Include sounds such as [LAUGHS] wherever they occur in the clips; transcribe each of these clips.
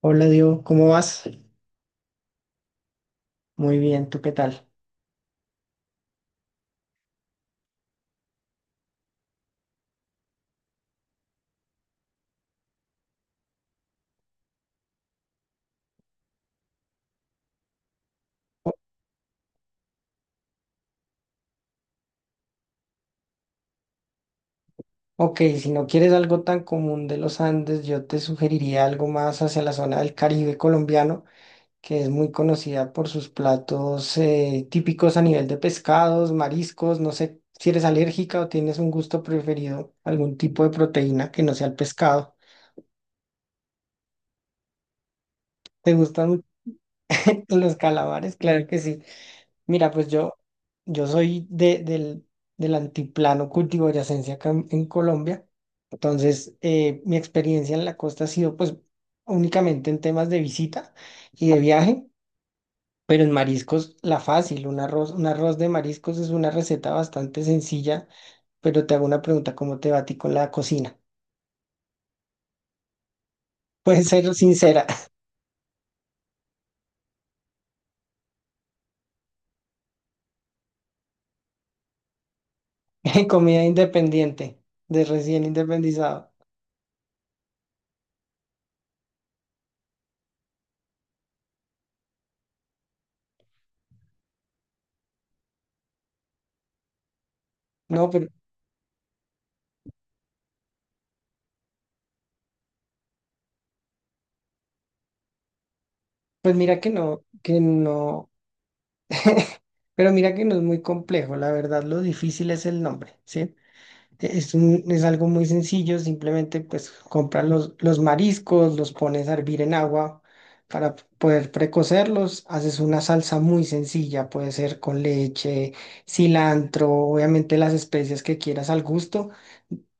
Hola Diego, ¿cómo vas? Muy bien, ¿tú qué tal? Ok, si no quieres algo tan común de los Andes, yo te sugeriría algo más hacia la zona del Caribe colombiano, que es muy conocida por sus platos típicos a nivel de pescados, mariscos. No sé si eres alérgica o tienes un gusto preferido, algún tipo de proteína que no sea el pescado. ¿Te gustan [LAUGHS] los calamares? Claro que sí. Mira, pues yo soy del antiplano cundiboyacense acá en Colombia. Entonces, mi experiencia en la costa ha sido pues únicamente en temas de visita y de viaje, pero en mariscos la fácil, un arroz de mariscos es una receta bastante sencilla, pero te hago una pregunta, ¿cómo te va a ti con la cocina? [LAUGHS] Puedes ser sincera, [LAUGHS] comida independiente, de recién independizado. No, pero pues mira que no, que no. Pero mira que no es muy complejo, la verdad lo difícil es el nombre, ¿sí? Es es algo muy sencillo, simplemente pues compras los mariscos, los pones a hervir en agua para poder precocerlos, haces una salsa muy sencilla, puede ser con leche, cilantro, obviamente las especias que quieras al gusto,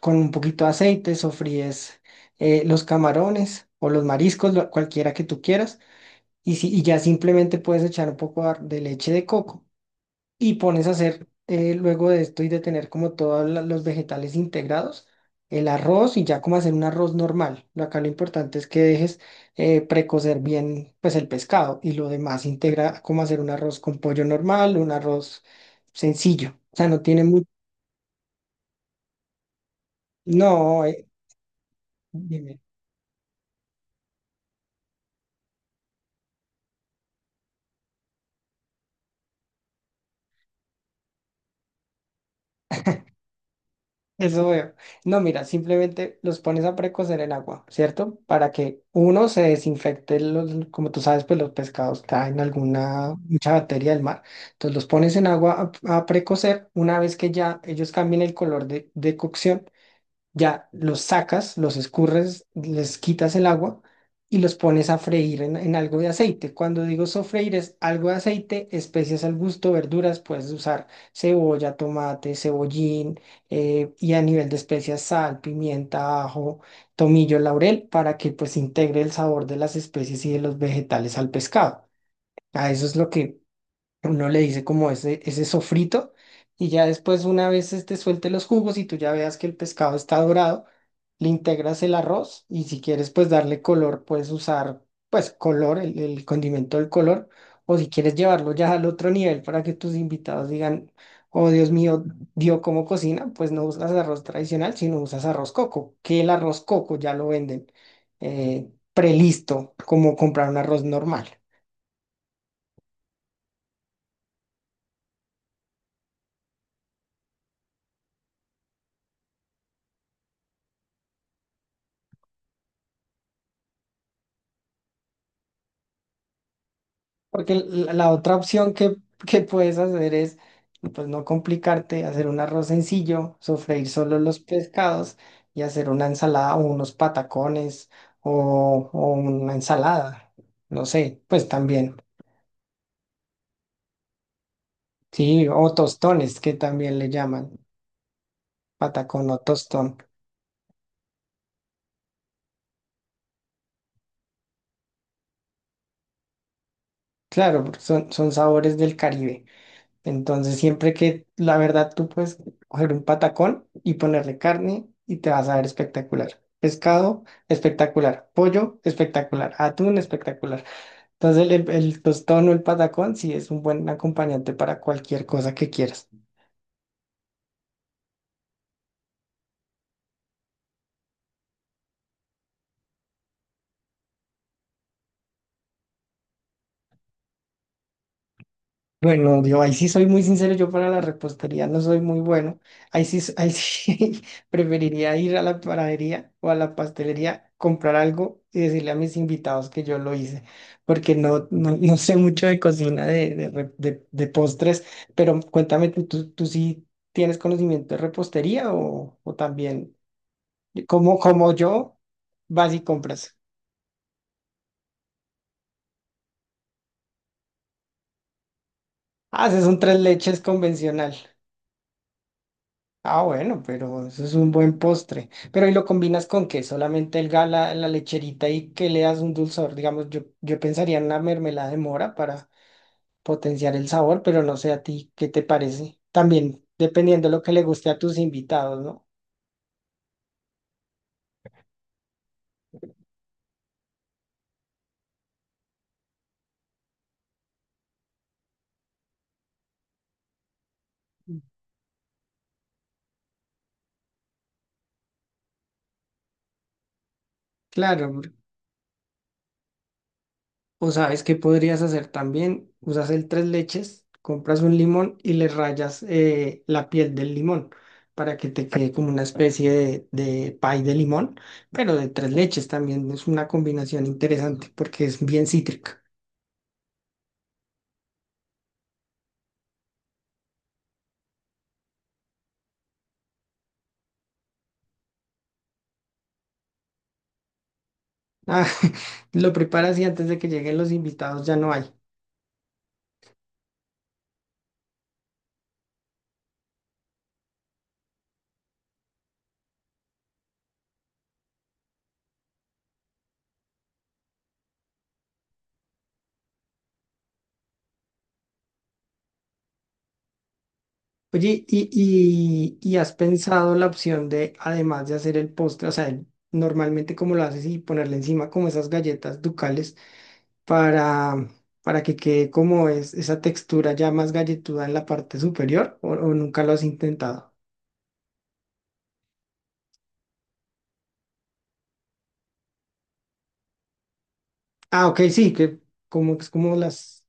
con un poquito de aceite sofríes los camarones o los mariscos, cualquiera que tú quieras, y, si, y ya simplemente puedes echar un poco de leche de coco y pones a hacer luego de esto y de tener como todos los vegetales integrados, el arroz y ya como hacer un arroz normal. Acá lo importante es que dejes precocer bien pues el pescado y lo demás integra como hacer un arroz con pollo normal, un arroz sencillo. O sea, no tiene mucho. No, dime. Eso veo. No, mira, simplemente los pones a precocer en agua, ¿cierto? Para que uno se desinfecte los, como tú sabes, pues los pescados traen alguna mucha bacteria del mar. Entonces los pones en agua a precocer. Una vez que ya ellos cambien el color de cocción, ya los sacas, los escurres, les quitas el agua y los pones a freír en algo de aceite. Cuando digo sofreír es algo de aceite, especias al gusto, verduras, puedes usar cebolla, tomate, cebollín, y a nivel de especias sal, pimienta, ajo, tomillo, laurel para que pues integre el sabor de las especies y de los vegetales al pescado. A eso es lo que uno le dice como ese sofrito, y ya después una vez este suelte los jugos y tú ya veas que el pescado está dorado, le integras el arroz, y si quieres pues darle color, puedes usar pues color, el condimento del color, o si quieres llevarlo ya al otro nivel para que tus invitados digan, oh Dios mío, dio cómo cocina, pues no usas arroz tradicional, sino usas arroz coco, que el arroz coco ya lo venden prelisto, como comprar un arroz normal. Porque la otra opción que puedes hacer es, pues no complicarte, hacer un arroz sencillo, sofreír solo los pescados y hacer una ensalada o unos patacones o una ensalada, no sé, pues también, sí, o tostones que también le llaman, patacón o tostón. Claro, porque son, son sabores del Caribe. Entonces, siempre que la verdad tú puedes coger un patacón y ponerle carne y te vas a ver espectacular. Pescado, espectacular. Pollo, espectacular. Atún, espectacular. Entonces, el tostón o el patacón sí es un buen acompañante para cualquier cosa que quieras. Bueno, yo ahí sí soy muy sincero, yo para la repostería no soy muy bueno. Ahí sí, ahí sí [LAUGHS] preferiría ir a la panadería o a la pastelería, comprar algo y decirle a mis invitados que yo lo hice, porque no, no, no sé mucho de cocina, de postres, pero cuéntame, ¿tú, tú sí tienes conocimiento de repostería o también, como, como yo, vas y compras? Haces un tres leches convencional. Ah, bueno, pero eso es un buen postre. Pero ¿y lo combinas con qué? ¿Solamente el gala, la lecherita y que le das un dulzor? Digamos, yo pensaría en una mermelada de mora para potenciar el sabor, pero no sé a ti, ¿qué te parece? También dependiendo de lo que le guste a tus invitados, ¿no? Claro. O sabes qué podrías hacer también, usas el tres leches, compras un limón y le rayas la piel del limón para que te quede como una especie de pie de limón, pero de tres leches también es una combinación interesante porque es bien cítrica. Ah, [LAUGHS] lo preparas y antes de que lleguen los invitados ya no hay. Oye, y has pensado la opción de, además de hacer el postre, o sea, normalmente como lo haces y ponerle encima como esas galletas ducales, para, para que quede como es esa textura ya más galletuda en la parte superior o nunca lo has intentado. Ah, ok, sí, que como es como las,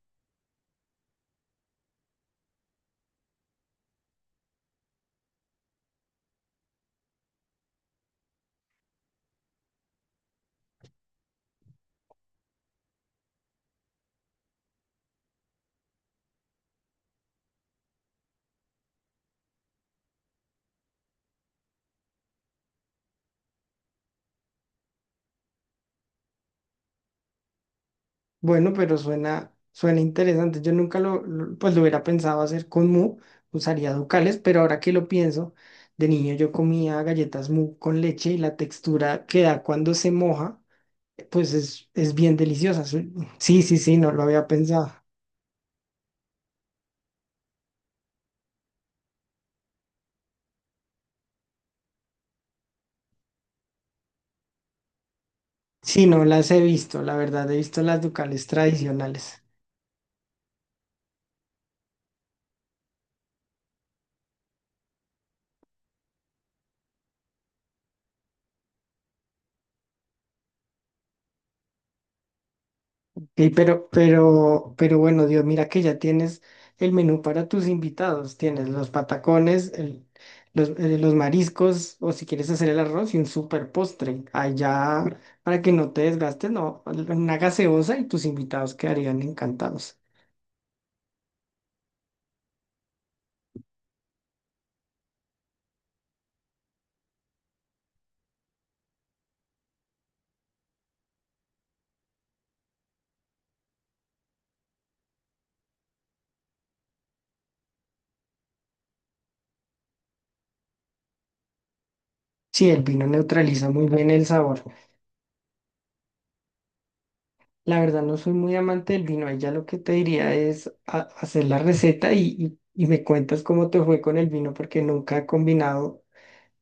bueno, pero suena, suena interesante. Yo nunca pues lo hubiera pensado hacer con mu, usaría ducales, pero ahora que lo pienso, de niño yo comía galletas mu con leche, y la textura que da cuando se moja, pues es bien deliciosa. Sí, sí, sí, no lo había pensado. Sí, no las he visto, la verdad, he visto las ducales tradicionales. Ey, pero bueno, Dios, mira que ya tienes el menú para tus invitados. Tienes los patacones, los mariscos, o si quieres hacer el arroz y un super postre. Allá, para que no te desgastes, no, una gaseosa y tus invitados quedarían encantados. Sí, el vino neutraliza muy bien el sabor. La verdad, no soy muy amante del vino. Ahí ya lo que te diría es hacer la receta, y y me cuentas cómo te fue con el vino, porque nunca he combinado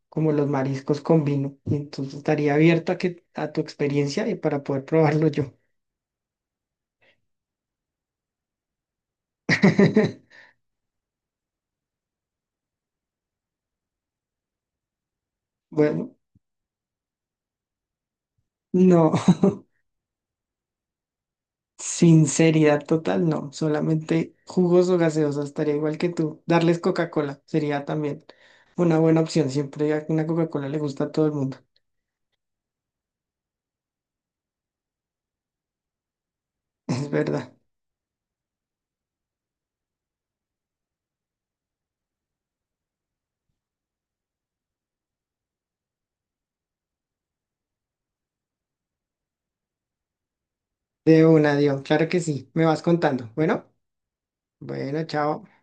como los mariscos con vino. Y entonces estaría abierto a que a tu experiencia y para poder probarlo yo. [LAUGHS] Bueno, no. [LAUGHS] Sinceridad total, no. Solamente jugos o gaseosas, estaría igual que tú. Darles Coca-Cola sería también una buena opción. Siempre a una Coca-Cola le gusta a todo el mundo. [LAUGHS] Es verdad. De una, Dios. Claro que sí. Me vas contando. Bueno, bueno, chao.